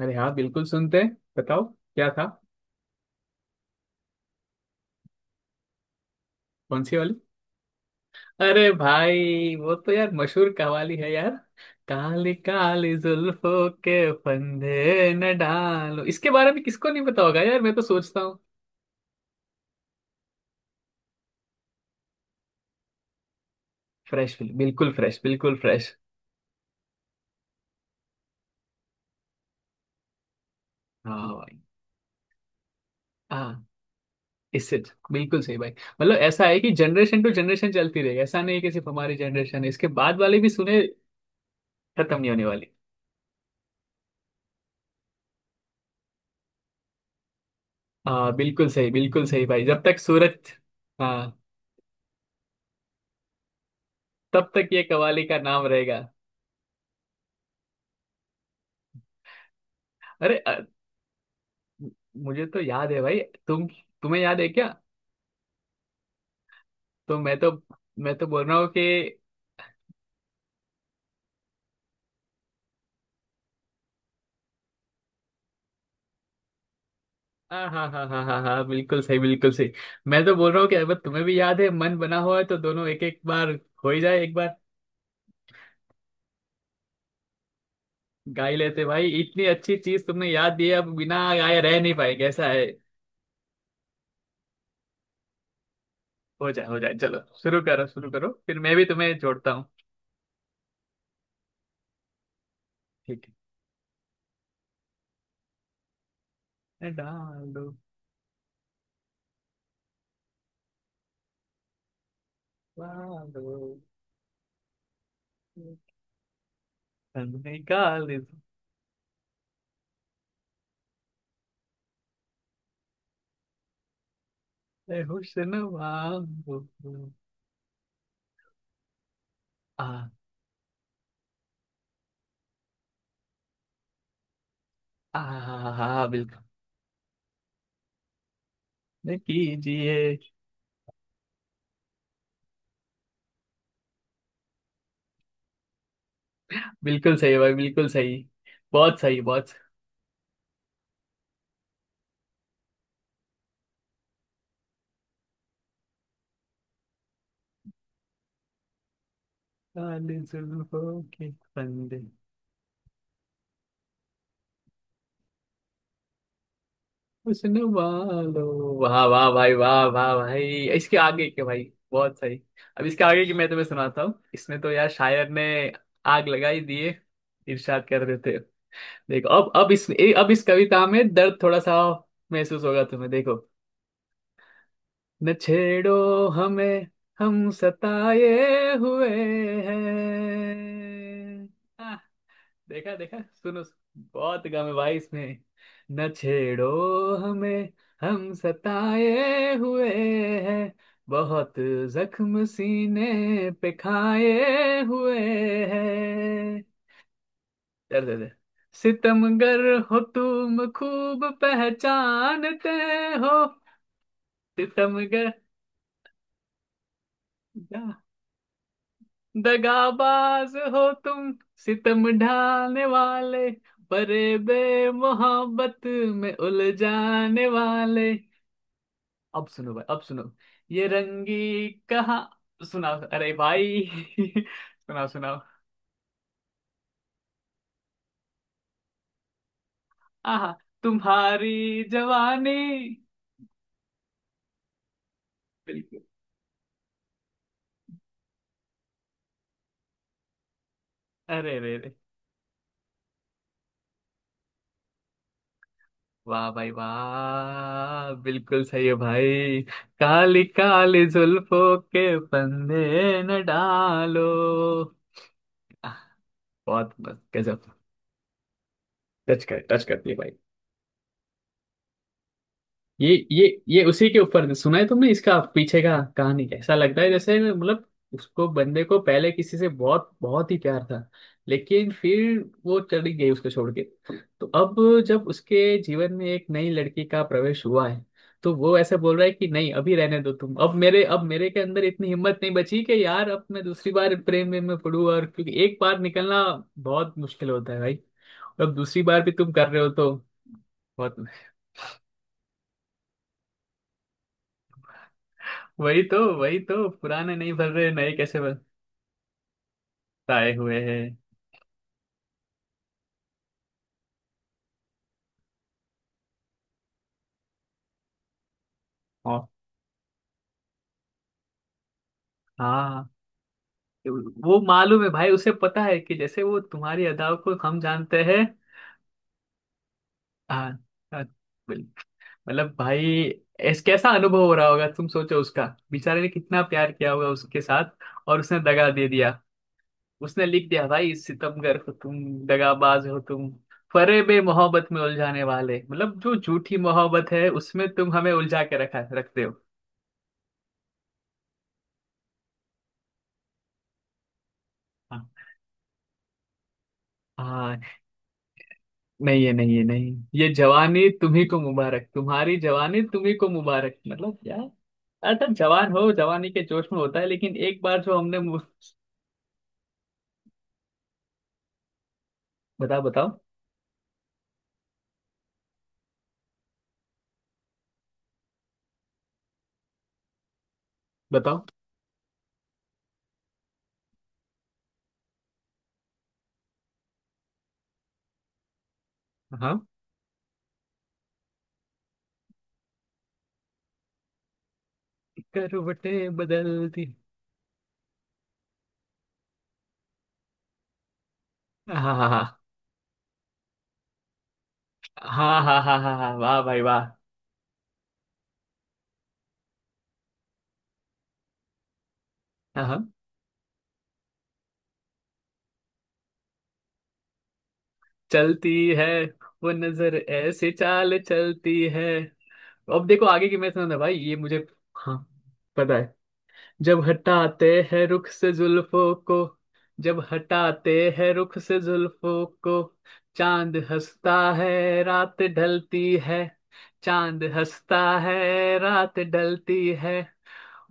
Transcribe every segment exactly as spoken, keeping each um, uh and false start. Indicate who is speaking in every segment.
Speaker 1: अरे हाँ, बिल्कुल सुनते हैं। बताओ क्या था। कौन सी वाली। अरे भाई, वो तो यार मशहूर कवाली है यार। काली काली जुल्फों के फंदे न डालो, इसके बारे में किसको नहीं पता होगा यार, मैं तो सोचता हूँ। फ्रेश, बिल्कुल फ्रेश, बिल्कुल फ्रेश। हाँ भाई। हाँ, इससे बिल्कुल सही भाई। मतलब ऐसा है कि जनरेशन टू जनरेशन चलती रहेगी, ऐसा नहीं है कि सिर्फ हमारी जनरेशन है, इसके बाद वाले भी सुने। खत्म नहीं होने वाली। हाँ बिल्कुल सही, बिल्कुल सही भाई। जब तक सूरज। हाँ, तब तक ये कवाली का नाम रहेगा। अरे अ, मुझे तो याद है भाई। तुम तुम्हें याद है क्या। तो मैं तो मैं तो बोल रहा हूँ कि हाँ हाँ हाँ हाँ हाँ हाँ, बिल्कुल सही, बिल्कुल सही। मैं तो बोल रहा हूँ कि अगर तुम्हें भी याद है, मन बना हुआ है, तो दोनों एक एक बार हो ही जाए एक बार। गा ही लेते भाई, इतनी अच्छी चीज तुमने याद दी है, अब बिना गाए रह नहीं पाएंगे, ऐसा है। हो जाए हो जाए, चलो शुरू करो शुरू करो, फिर मैं भी तुम्हें जोड़ता हूँ। ठीक है। डालो। डालो। निकाल। हुस्न वांगू। आ। आ। हाँ बिल्कुल। नहीं कीजिए। बिल्कुल सही भाई, बिल्कुल सही। बहुत सही, बहुत सही। काले जुल्फों के फंदे। हुस्न वालो। वाह वाह भाई, वाह वाह भाई। इसके आगे के भाई। बहुत सही। अब इसके आगे की मैं तुम्हें सुनाता हूँ, इसमें तो यार शायर ने आग लगाई दिए। इरशाद कर देते। देखो अब, अब इस ए- अब इस कविता में दर्द थोड़ा सा महसूस होगा तुम्हें, देखो। न छेड़ो हमें, हम सताए हुए हैं। आह, देखा देखा, सुनो, बहुत गम है भाई इसमें। न छेड़ो हमें, हम सताए हुए हैं, बहुत जख्म सीने पे खाए हुए हैं। दर्द दर्द। सितमगर हो तुम, खूब पहचानते हो। सितमगर। दगाबाज हो तुम, सितम ढाने वाले, बरे बे मोहब्बत में उलझाने वाले। अब सुनो भाई, अब सुनो। ये रंगी कहाँ। सुनाओ अरे भाई सुनाओ सुनाओ। आहा। तुम्हारी जवानी। बिल्कुल। अरे रे रे। वाह भाई वाह, बिल्कुल सही है भाई। काली काली जुल्फों के फंदे न डालो। बहुत मस्त, गजब। टच कर टच करती है भाई। ये ये ये उसी के ऊपर सुना है तुमने, इसका पीछे का कहानी ऐसा लगता है जैसे मतलब उसको बंदे को पहले किसी से बहुत बहुत ही प्यार था, लेकिन फिर वो चली गई उसको छोड़ के। तो अब जब उसके जीवन में एक नई लड़की का प्रवेश हुआ है, तो वो ऐसे बोल रहा है कि नहीं अभी रहने दो तुम, अब मेरे अब मेरे के अंदर इतनी हिम्मत नहीं बची कि यार अब मैं दूसरी बार प्रेम में, में पड़ूं, और क्योंकि एक बार निकलना बहुत मुश्किल होता है भाई। अब दूसरी बार भी तुम कर रहे हो तो बहुत। वही तो वही तो पुराने नहीं भर रहे, नए कैसे भर आए हुए हैं। और हाँ, वो मालूम है भाई, उसे पता है कि जैसे वो तुम्हारी अदाओं को हम जानते हैं। हाँ। हाँ, बिल- मतलब भाई ऐस कैसा अनुभव हो रहा होगा, तुम सोचो उसका, बेचारे ने कितना प्यार किया होगा उसके साथ, और उसने दगा दे दिया। उसने लिख दिया भाई सितमगर हो तुम, दगाबाज हो तुम, फरेब मोहब्बत में उलझाने वाले, मतलब जो झूठी मोहब्बत है उसमें तुम हमें उलझा के रखा रखते हो। हाँ। हाँ, नहीं है नहीं है नहीं। ये जवानी तुम्ही को मुबारक, तुम्हारी जवानी तुम्ही को मुबारक, मतलब क्या। अच्छा जवान हो, जवानी के जोश में होता है, लेकिन एक बार जो हमने मु- बताओ बताओ बताओ। हाँ। करवटें बदल दी। हाँ हाँ हाँ हाँ हाँ हाँ हाँ हाँ, वाह भाई वाह। हाँ हाँ, चलती है। वो नजर ऐसे चाल चलती है। अब देखो आगे की मैं सुना भाई ये मुझे। हाँ, पता है। जब हटाते हैं रुख से जुल्फों को, जब हटाते हैं रुख से जुल्फों को, चांद हंसता है, रात ढलती है, चांद हंसता है, रात ढलती है।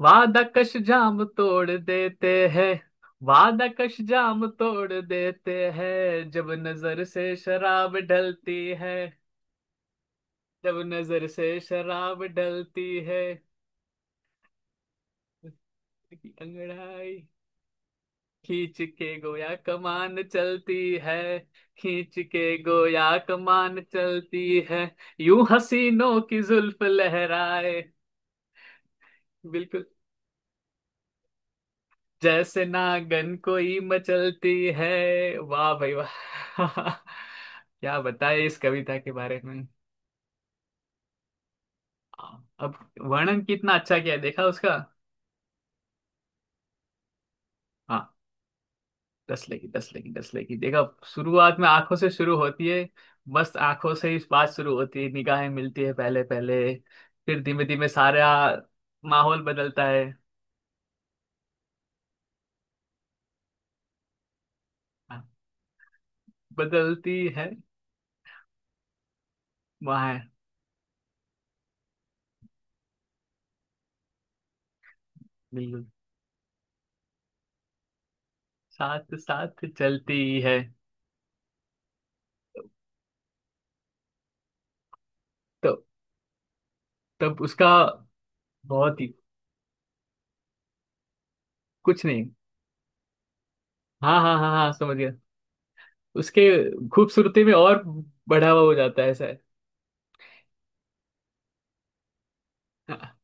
Speaker 1: वादा कश जाम तोड़ देते हैं, वादा कश जाम तोड़ देते हैं, जब नजर से शराब ढलती है, जब नजर से शराब ढलती है। उसकी अंगड़ाई, खींच के गोया कमान चलती है, खींच के गोया कमान चलती है। यूं हसीनों की जुल्फ लहराए, बिल्कुल, जैसे नागन कोई मचलती है। वाह भाई वाह क्या बताए इस कविता के बारे में। अब वर्णन कितना अच्छा किया देखा उसका। दस लेगी दस लेगी दस लेगी, देखो शुरुआत में आंखों से शुरू होती है, बस आंखों से ही बात शुरू होती है, निगाहें मिलती है पहले पहले, फिर धीमे धीमे सारा माहौल बदलता है। हाँ, बदलती है। वहाँ। बिल्कुल, साथ साथ चलती है। तो तब उसका बहुत ही, कुछ नहीं। हाँ हाँ हाँ हाँ, समझ गया। उसके खूबसूरती में और बढ़ावा हो जाता है, ऐसा है। हाँ,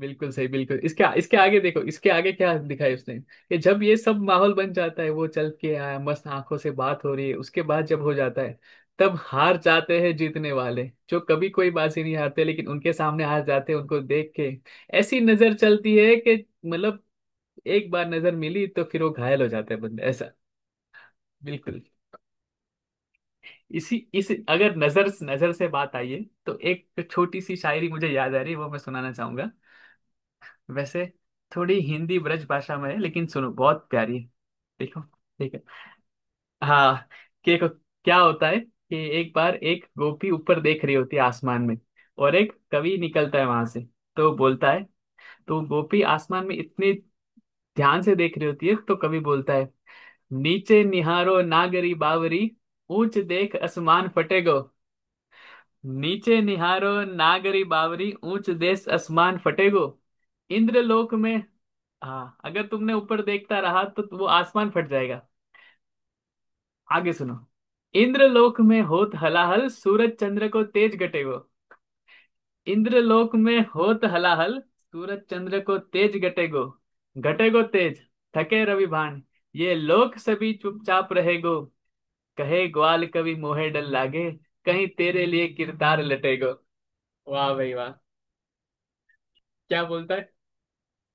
Speaker 1: बिल्कुल सही, बिल्कुल। इसके इसके आगे देखो, इसके आगे क्या दिखाया उसने कि जब ये सब माहौल बन जाता है, वो चल के आया, मस्त आंखों से बात हो रही है, उसके बाद जब हो जाता है, तब हार जाते हैं जीतने वाले, जो कभी कोई बाजी नहीं हारते, लेकिन उनके सामने हार जाते हैं उनको देख के। ऐसी नजर चलती है कि मतलब एक बार नजर मिली तो फिर वो घायल हो जाता है बंदा ऐसा। बिल्कुल। इसी इस अगर नजर नजर से बात आई है तो एक छोटी सी शायरी मुझे याद आ रही है, वो मैं सुनाना चाहूंगा। वैसे थोड़ी हिंदी ब्रज भाषा में है, लेकिन सुनो बहुत प्यारी है। देखो, ठीक है। हाँ, कि देखो, क्या होता है कि एक बार एक गोपी ऊपर देख रही होती है आसमान में, और एक कवि निकलता है वहां से, तो बोलता है, तो गोपी आसमान में इतनी ध्यान से देख रही होती है, तो कवि बोलता है, नीचे निहारो नागरी बावरी, ऊंच देख आसमान फटेगो। नीचे निहारो नागरी बावरी, ऊंच देश आसमान फटेगो, इंद्रलोक में। हाँ, अगर तुमने ऊपर देखता रहा तो वो आसमान फट जाएगा। आगे सुनो, इंद्रलोक में होत हलाहल, सूरज चंद्र को तेज गटेगो, इंद्रलोक में होत हलाहल, सूरज चंद्र को तेज गटेगो, गटेगो तेज, थके रवि भान, ये लोक सभी चुपचाप रहेगो, कहे ग्वाल कभी मोहे डर लागे, कहीं तेरे लिए किरदार लटेगो। वाह भाई वाह। क्या बोलता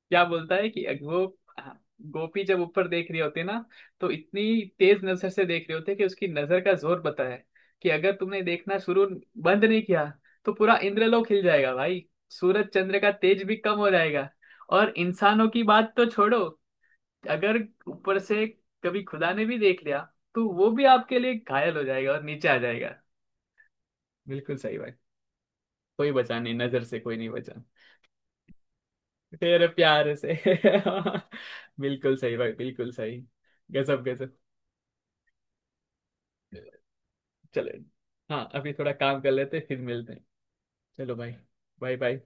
Speaker 1: क्या बोलता है कि वो हाँ, गोपी जब ऊपर देख रही होती है ना, तो इतनी तेज नजर से देख रही होती है कि उसकी नजर का जोर पता है, कि अगर तुमने देखना शुरू बंद नहीं किया तो पूरा इंद्रलोक हिल जाएगा भाई, सूरज चंद्र का तेज भी कम हो जाएगा, और इंसानों की बात तो छोड़ो, अगर ऊपर से कभी खुदा ने भी देख लिया तो वो भी आपके लिए घायल हो जाएगा और नीचे आ जाएगा। बिल्कुल सही बात। कोई बचा नहीं, नजर से कोई नहीं बचा। तेरे प्यार से बिल्कुल सही भाई, बिल्कुल सही। गजब गजब। चलो। हाँ, अभी थोड़ा काम कर लेते हैं, फिर मिलते हैं। चलो भाई। Bye bye.